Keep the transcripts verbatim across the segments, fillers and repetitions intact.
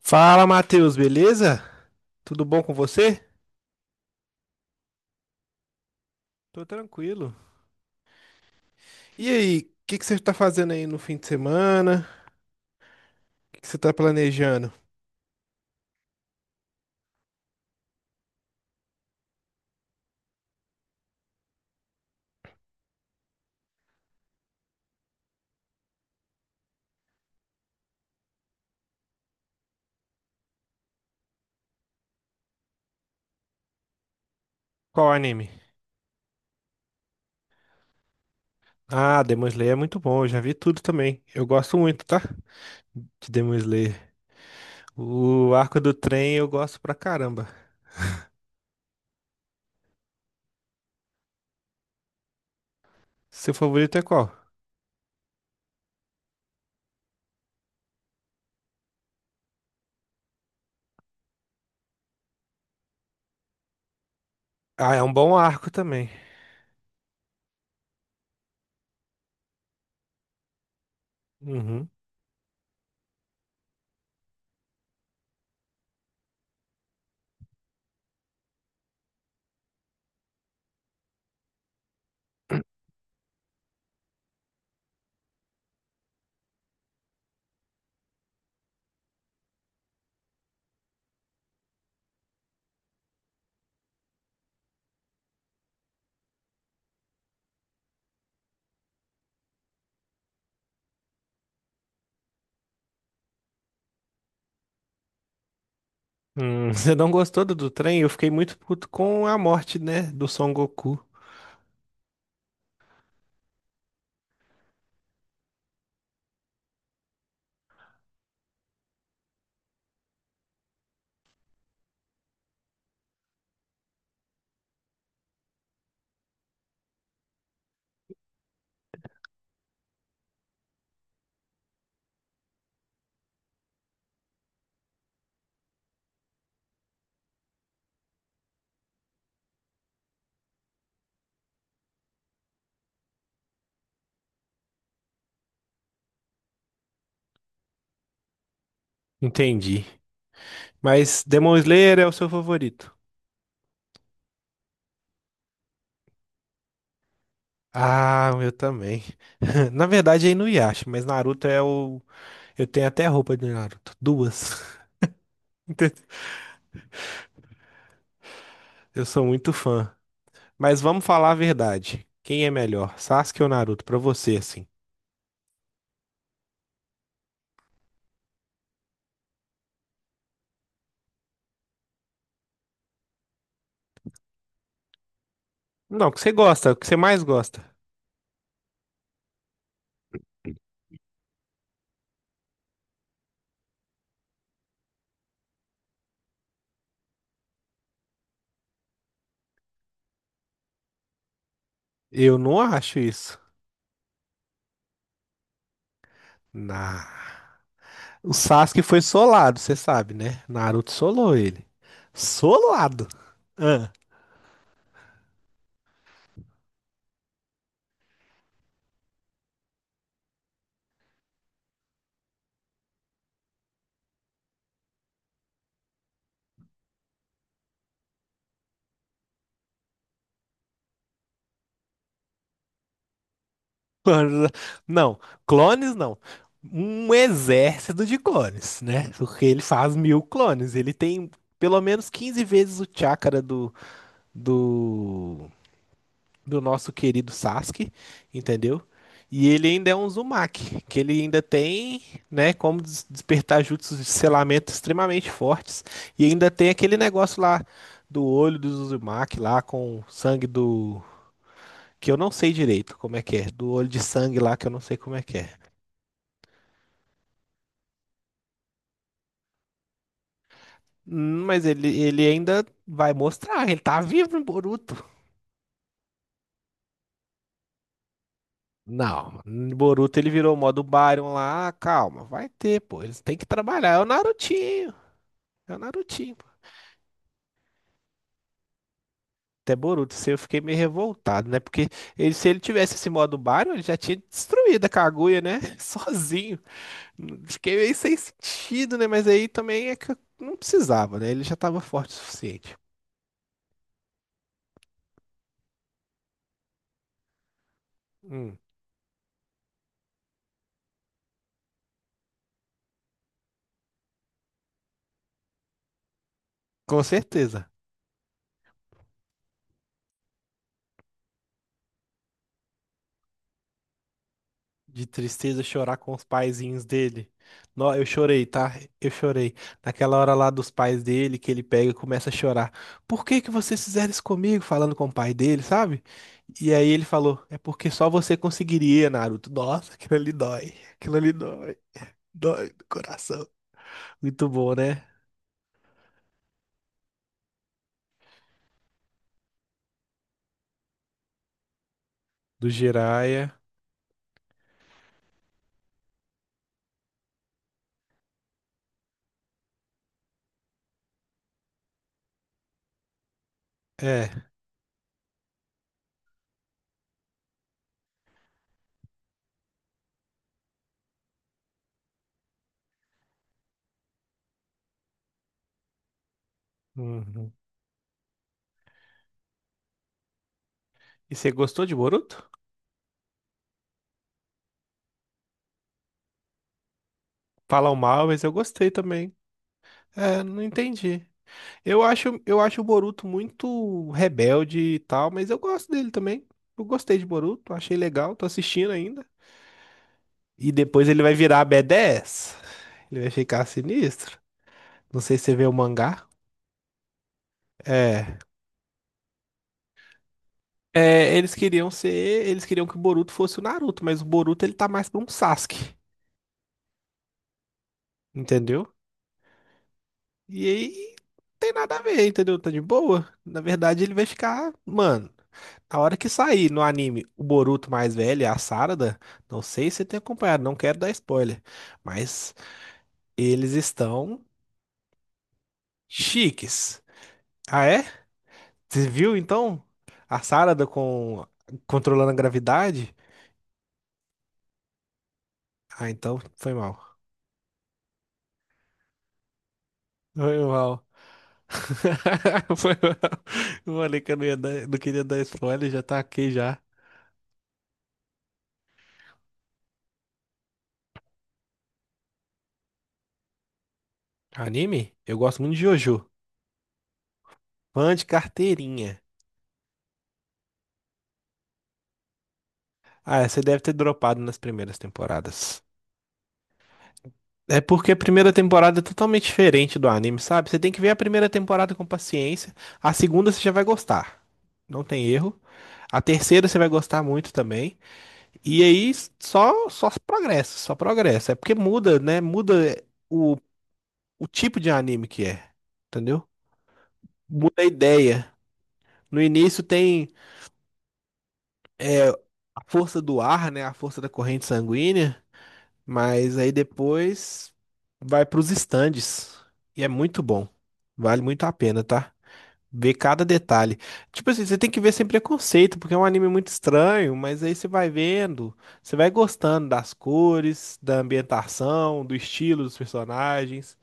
Fala, Matheus, beleza? Tudo bom com você? Tô tranquilo. E aí, o que que você tá fazendo aí no fim de semana? O que que você tá planejando? Qual anime? Ah, Demon Slayer é muito bom, eu já vi tudo também. Eu gosto muito, tá? De Demon Slayer. O arco do trem eu gosto pra caramba. Seu favorito é qual? Ah, é um bom arco também. Uhum. Hum, você não gostou do, do trem? Eu fiquei muito puto com a morte, né, do Son Goku. Entendi. Mas Demon Slayer é o seu favorito. Ah, eu também. Na verdade, é Inuyasha, mas Naruto é o. Eu tenho até roupa de Naruto. Duas. Entendeu? Eu sou muito fã. Mas vamos falar a verdade. Quem é melhor, Sasuke ou Naruto? Pra você, assim. Não, o que você gosta, o que você mais gosta. Eu não acho isso. Na... O Sasuke foi solado, você sabe, né? Naruto solou ele. Solado. Não, clones não. Um exército de clones, né? Porque ele faz mil clones. Ele tem pelo menos quinze vezes o chakra do, do, do nosso querido Sasuke, entendeu? E ele ainda é um Uzumaki, que ele ainda tem, né, como des- despertar jutsus de selamento extremamente fortes. E ainda tem aquele negócio lá do olho dos Uzumaki lá com o sangue do. Que eu não sei direito como é que é. Do olho de sangue lá que eu não sei como é que é. Hum, Mas ele, ele ainda vai mostrar, ele tá vivo no Boruto. Não, no Boruto ele virou o modo Baryon lá, calma, vai ter, pô, eles têm que trabalhar, é o Narutinho, é o Narutinho. Pô. Até Boruto, se eu fiquei meio revoltado, né? Porque ele- se ele tivesse esse modo Baryon, ele já tinha destruído a Kaguya, né? Sozinho. Fiquei meio sem sentido, né? Mas aí também é que eu não precisava, né? Ele já tava forte o suficiente. Hum, com certeza. De tristeza, chorar com os paizinhos dele. Nó, eu chorei, tá? Eu chorei. Naquela hora lá dos pais dele, que ele pega e começa a chorar. Por que que vocês fizeram isso comigo? Falando com o pai dele, sabe? E aí ele falou, é porque só você conseguiria, Naruto. Nossa, aquilo ali dói. Aquilo ali dói. Dói do coração. Muito bom, né? Do Jiraiya. É. Uhum. E você gostou de Boruto? Falam mal, mas eu gostei também. É, não entendi. Eu acho, eu acho o Boruto muito rebelde e tal, mas eu gosto dele também. Eu gostei de Boruto, achei legal, tô assistindo ainda. E depois ele vai virar B dez. Ele vai ficar sinistro. Não sei se você vê o mangá. É. É, eles queriam ser, Eles queriam que o Boruto fosse o Naruto, mas o Boruto ele tá mais pra um Sasuke, entendeu? E aí, tem nada a ver, entendeu? Tá de boa. Na verdade, ele vai ficar, mano. Na hora que sair no anime o Boruto mais velho, a Sarada, não sei se você tem acompanhado, não quero dar spoiler, mas eles estão chiques. Ah, é? Você viu então a Sarada com controlando a gravidade? Ah, então foi mal. Foi mal. Foi mal. Eu falei que eu não ia dar, não queria dar spoiler, já tá aqui já. Anime? Eu gosto muito de Jojo. Fã de carteirinha. Ah, você deve ter dropado nas primeiras temporadas. É porque a primeira temporada é totalmente diferente do anime, sabe? Você tem que ver a primeira temporada com paciência. A segunda você já vai gostar. Não tem erro. A terceira você vai gostar muito também. E aí só só progressa, só progressa. É porque muda, né? Muda o, o tipo de anime que é. Entendeu? Muda a ideia. No início tem é, a força do ar, né? A força da corrente sanguínea. Mas aí depois vai para os estandes e é muito bom. Vale muito a pena, tá? Ver cada detalhe. Tipo assim, você tem que ver sem preconceito, porque é um anime muito estranho, mas aí você vai vendo, você vai gostando das cores, da ambientação, do estilo dos personagens.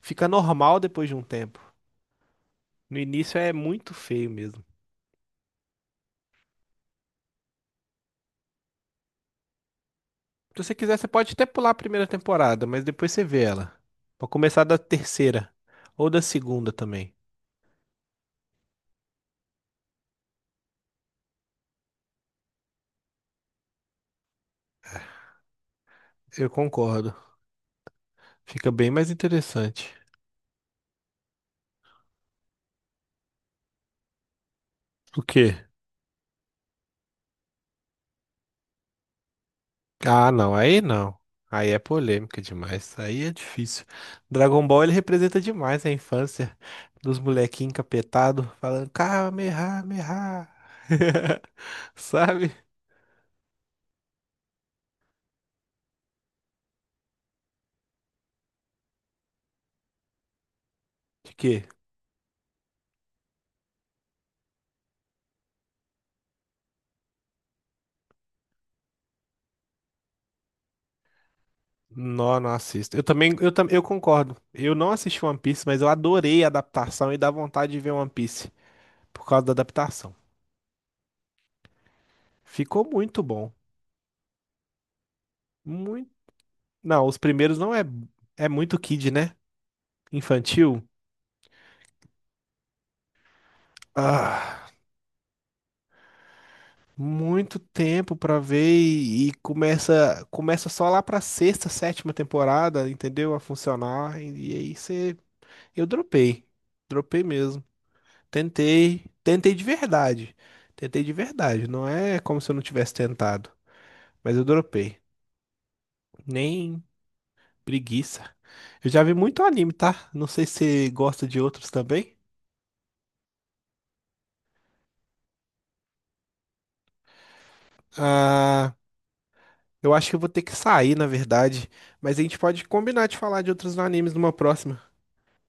Fica normal depois de um tempo. No início é muito feio mesmo. Se você quiser, você pode até pular a primeira temporada, mas depois você vê ela. Pra começar da terceira ou da segunda também. Eu concordo. Fica bem mais interessante. O quê? Ah, não, aí não. Aí é polêmica demais. Aí é difícil. Dragon Ball ele representa demais a infância dos molequinhos encapetados falando Kamehameha. Sabe? De quê? Não, não assisto. Eu também, eu, tam- eu concordo. Eu não assisti One Piece, mas eu adorei a adaptação e dá vontade de ver One Piece por causa da adaptação. Ficou muito bom. Muito... Não, os primeiros não é. É muito kid, né? Infantil. Ah, muito tempo pra ver e, e começa começa só lá pra sexta, sétima temporada, entendeu? A funcionar e, e aí você eu dropei. Dropei mesmo. Tentei, tentei de verdade. Tentei de verdade, não é como se eu não tivesse tentado, mas eu dropei. Nem preguiça. Eu já vi muito anime, tá? Não sei se você gosta de outros também. Ah, eu acho que eu vou ter que sair, na verdade, mas a gente pode combinar de falar de outros animes numa próxima.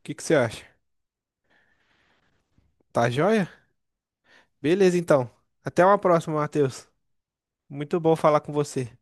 O que que você acha? Tá joia? Beleza, então. Até uma próxima, Matheus. Muito bom falar com você.